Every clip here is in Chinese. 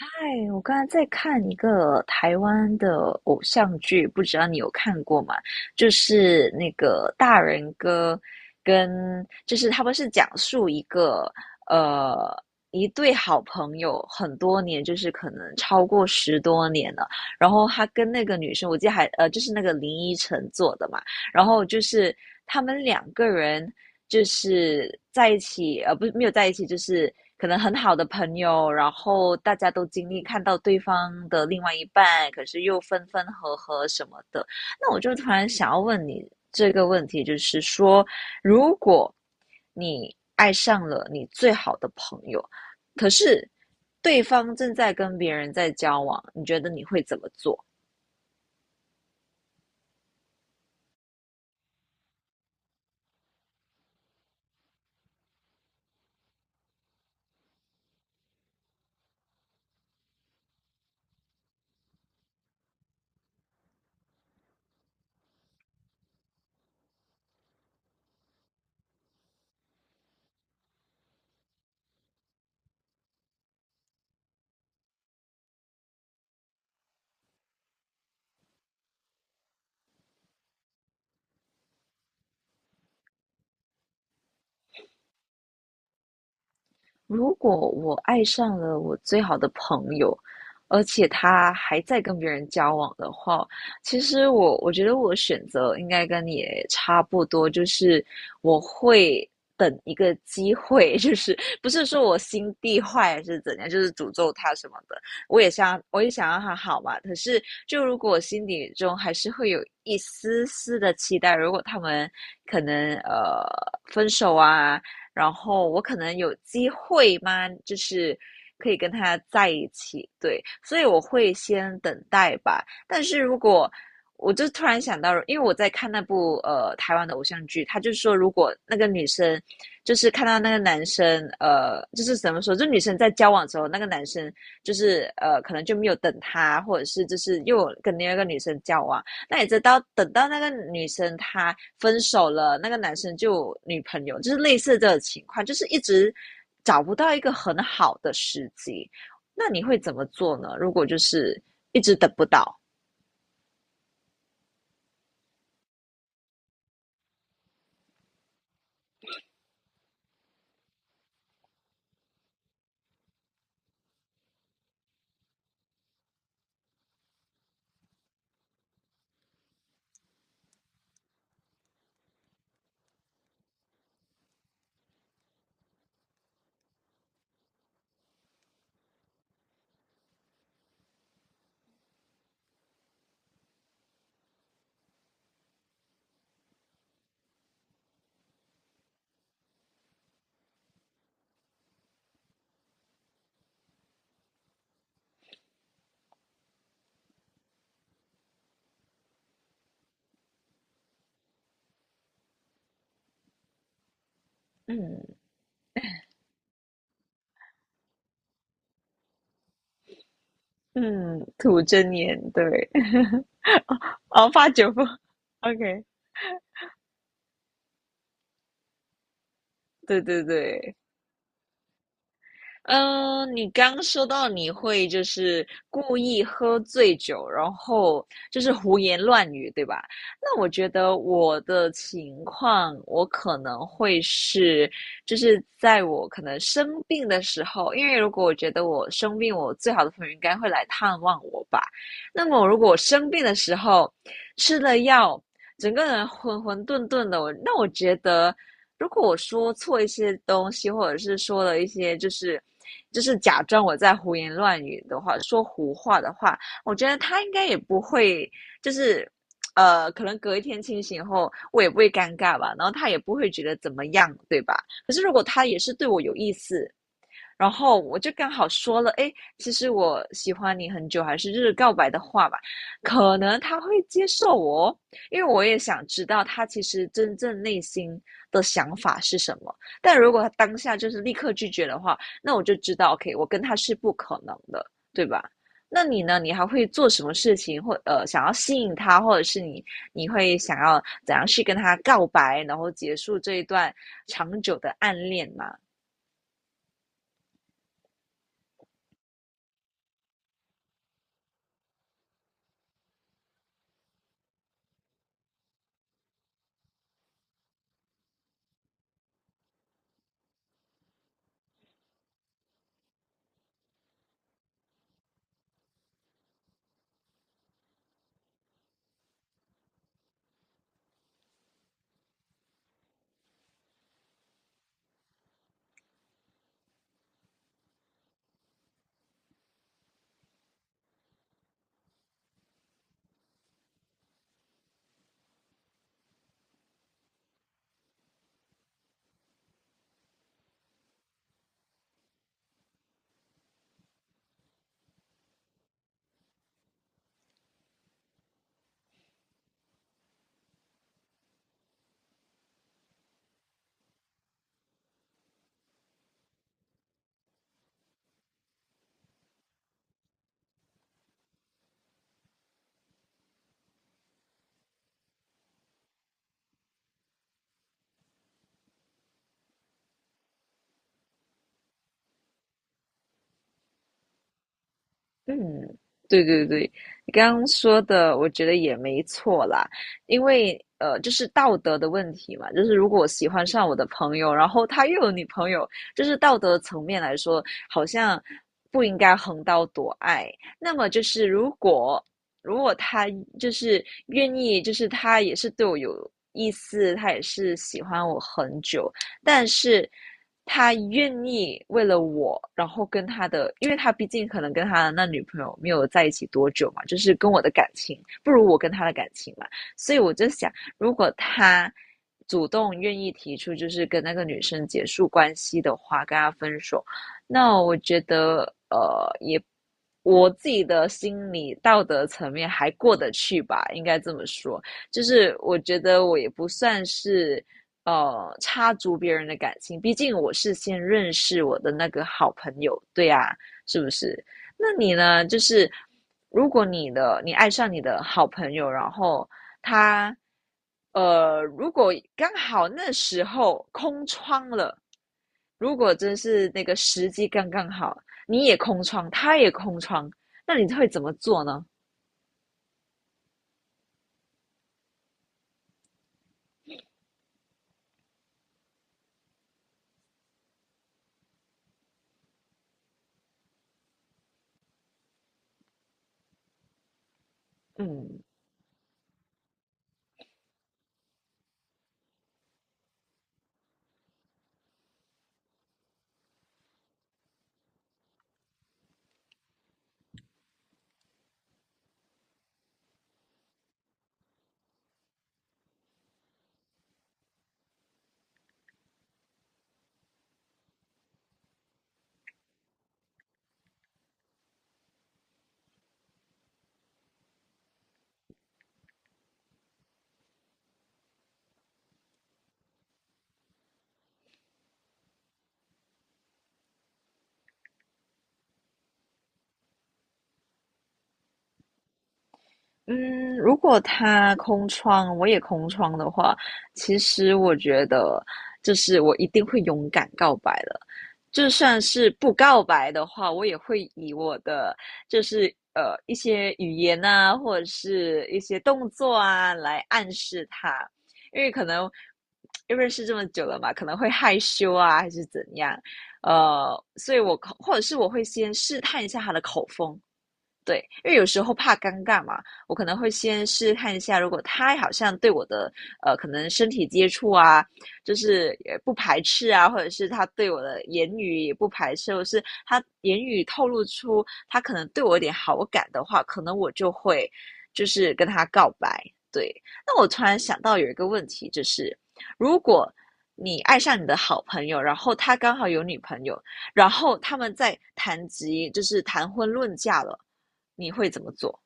哎，我刚才在看一个台湾的偶像剧，不知道你有看过吗？就是那个大人哥跟，就是他们是讲述一个呃一对好朋友很多年，就是可能超过10多年了。然后他跟那个女生，我记得还就是那个林依晨做的嘛，然后就是他们两个人就是在一起，不是没有在一起，就是可能很好的朋友，然后大家都经历看到对方的另外一半，可是又分分合合什么的。那我就突然想要问你这个问题，就是说，如果你爱上了你最好的朋友，可是对方正在跟别人在交往，你觉得你会怎么做？如果我爱上了我最好的朋友，而且他还在跟别人交往的话，其实我觉得我选择应该跟你也差不多，就是我会等一个机会，就是不是说我心地坏还是怎样，就是诅咒他什么的，我也想让他好嘛。可是就如果我心底中还是会有一丝丝的期待，如果他们可能分手啊。然后我可能有机会吗？就是可以跟他在一起，对，所以我会先等待吧。但是如果我就突然想到，因为我在看那部台湾的偶像剧，他就说，如果那个女生就是看到那个男生，呃，就是怎么说，就女生在交往的时候，那个男生就是可能就没有等她，或者是就是又跟另外一个女生交往，那也知道，等到那个女生她分手了，那个男生就有女朋友，就是类似这种情况，就是一直找不到一个很好的时机。那你会怎么做呢？如果就是一直等不到，嗯嗯，吐真言，对，哦，发酒疯，OK，对对对，嗯，你刚说到你会就是故意喝醉酒，然后就是胡言乱语，对吧？那我觉得我的情况，我可能会是，就是在我可能生病的时候，因为如果我觉得我生病，我最好的朋友应该会来探望我吧。那么如果我生病的时候吃了药，整个人浑浑沌沌的，我那我觉得。如果我说错一些东西，或者是说了一些就是假装我在胡言乱语的话，说胡话的话，我觉得他应该也不会，就是可能隔一天清醒后，我也不会尴尬吧，然后他也不会觉得怎么样，对吧？可是如果他也是对我有意思，然后我就刚好说了，哎，其实我喜欢你很久，还是就是告白的话吧，可能他会接受我哦，因为我也想知道他其实真正内心的想法是什么。但如果他当下就是立刻拒绝的话，那我就知道，OK，我跟他是不可能的，对吧？那你呢？你还会做什么事情，或想要吸引他，或者是你你会想要怎样去跟他告白，然后结束这一段长久的暗恋吗？嗯，对对对，你刚刚说的，我觉得也没错啦，因为就是道德的问题嘛，就是如果我喜欢上我的朋友，然后他又有女朋友，就是道德层面来说，好像不应该横刀夺爱。那么就是如果如果他就是愿意，就是他也是对我有意思，他也是喜欢我很久，但是他愿意为了我，然后跟他的，因为他毕竟可能跟他的那女朋友没有在一起多久嘛，就是跟我的感情不如我跟他的感情嘛，所以我就想，如果他主动愿意提出就是跟那个女生结束关系的话，跟他分手，那我觉得也。我自己的心理道德层面还过得去吧，应该这么说。就是我觉得我也不算是插足别人的感情，毕竟我是先认识我的那个好朋友，对啊，是不是？那你呢？就是如果你的你爱上你的好朋友，然后他如果刚好那时候空窗了，如果真是那个时机刚刚好，你也空窗，他也空窗，那你会怎么做呢？嗯。嗯，如果他空窗，我也空窗的话，其实我觉得就是我一定会勇敢告白的。就算是不告白的话，我也会以我的就是一些语言啊，或者是一些动作啊来暗示他，因为可能因为认识这么久了嘛，可能会害羞啊，还是怎样，呃，所以我可或者是我会先试探一下他的口风。对，因为有时候怕尴尬嘛，我可能会先试试看一下，如果他好像对我的可能身体接触啊，就是也不排斥啊，或者是他对我的言语也不排斥，或者是他言语透露出他可能对我有点好感的话，可能我就会就是跟他告白。对，那我突然想到有一个问题，就是如果你爱上你的好朋友，然后他刚好有女朋友，然后他们在谈及就是谈婚论嫁了。你会怎么做？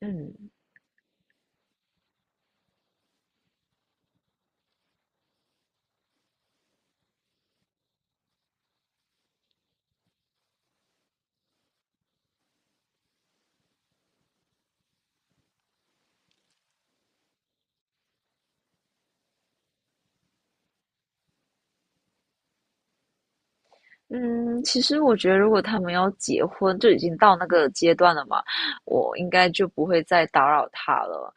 嗯嗯，其实我觉得，如果他们要结婚，就已经到那个阶段了嘛，我应该就不会再打扰他了，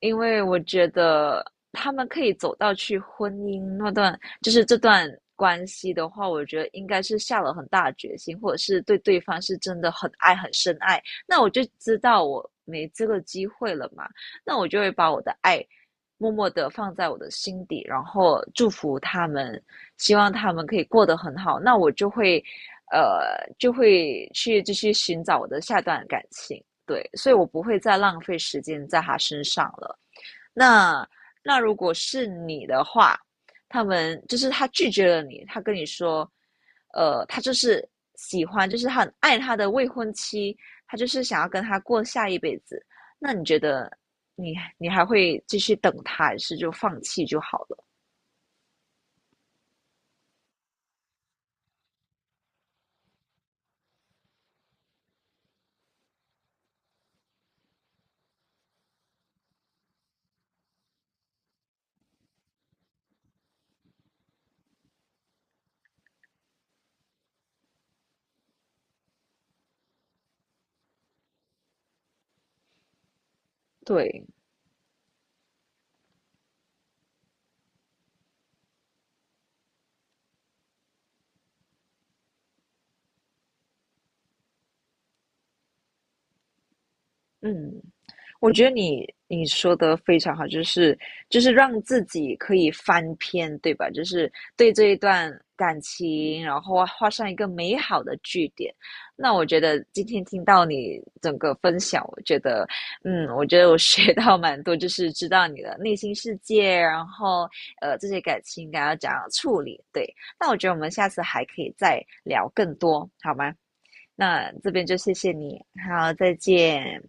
因为我觉得他们可以走到去婚姻那段，就是这段关系的话，我觉得应该是下了很大的决心，或者是对对方是真的很爱、很深爱。那我就知道我没这个机会了嘛，那我就会把我的爱默默的放在我的心底，然后祝福他们希望他们可以过得很好，那我就会，呃，就会去继续寻找我的下段感情，对，所以我不会再浪费时间在他身上了。那那如果是你的话，他们就是他拒绝了你，他跟你说，他就是喜欢，就是他很爱他的未婚妻，他就是想要跟他过下一辈子。那你觉得你你还会继续等他，还是就放弃就好了？对，嗯。我觉得你你说的非常好，就是就是让自己可以翻篇，对吧？就是对这一段感情，然后画上一个美好的句点。那我觉得今天听到你整个分享，我觉得，嗯，我觉得我学到蛮多，就是知道你的内心世界，然后这些感情应该要怎样处理。对，那我觉得我们下次还可以再聊更多，好吗？那这边就谢谢你，好，再见。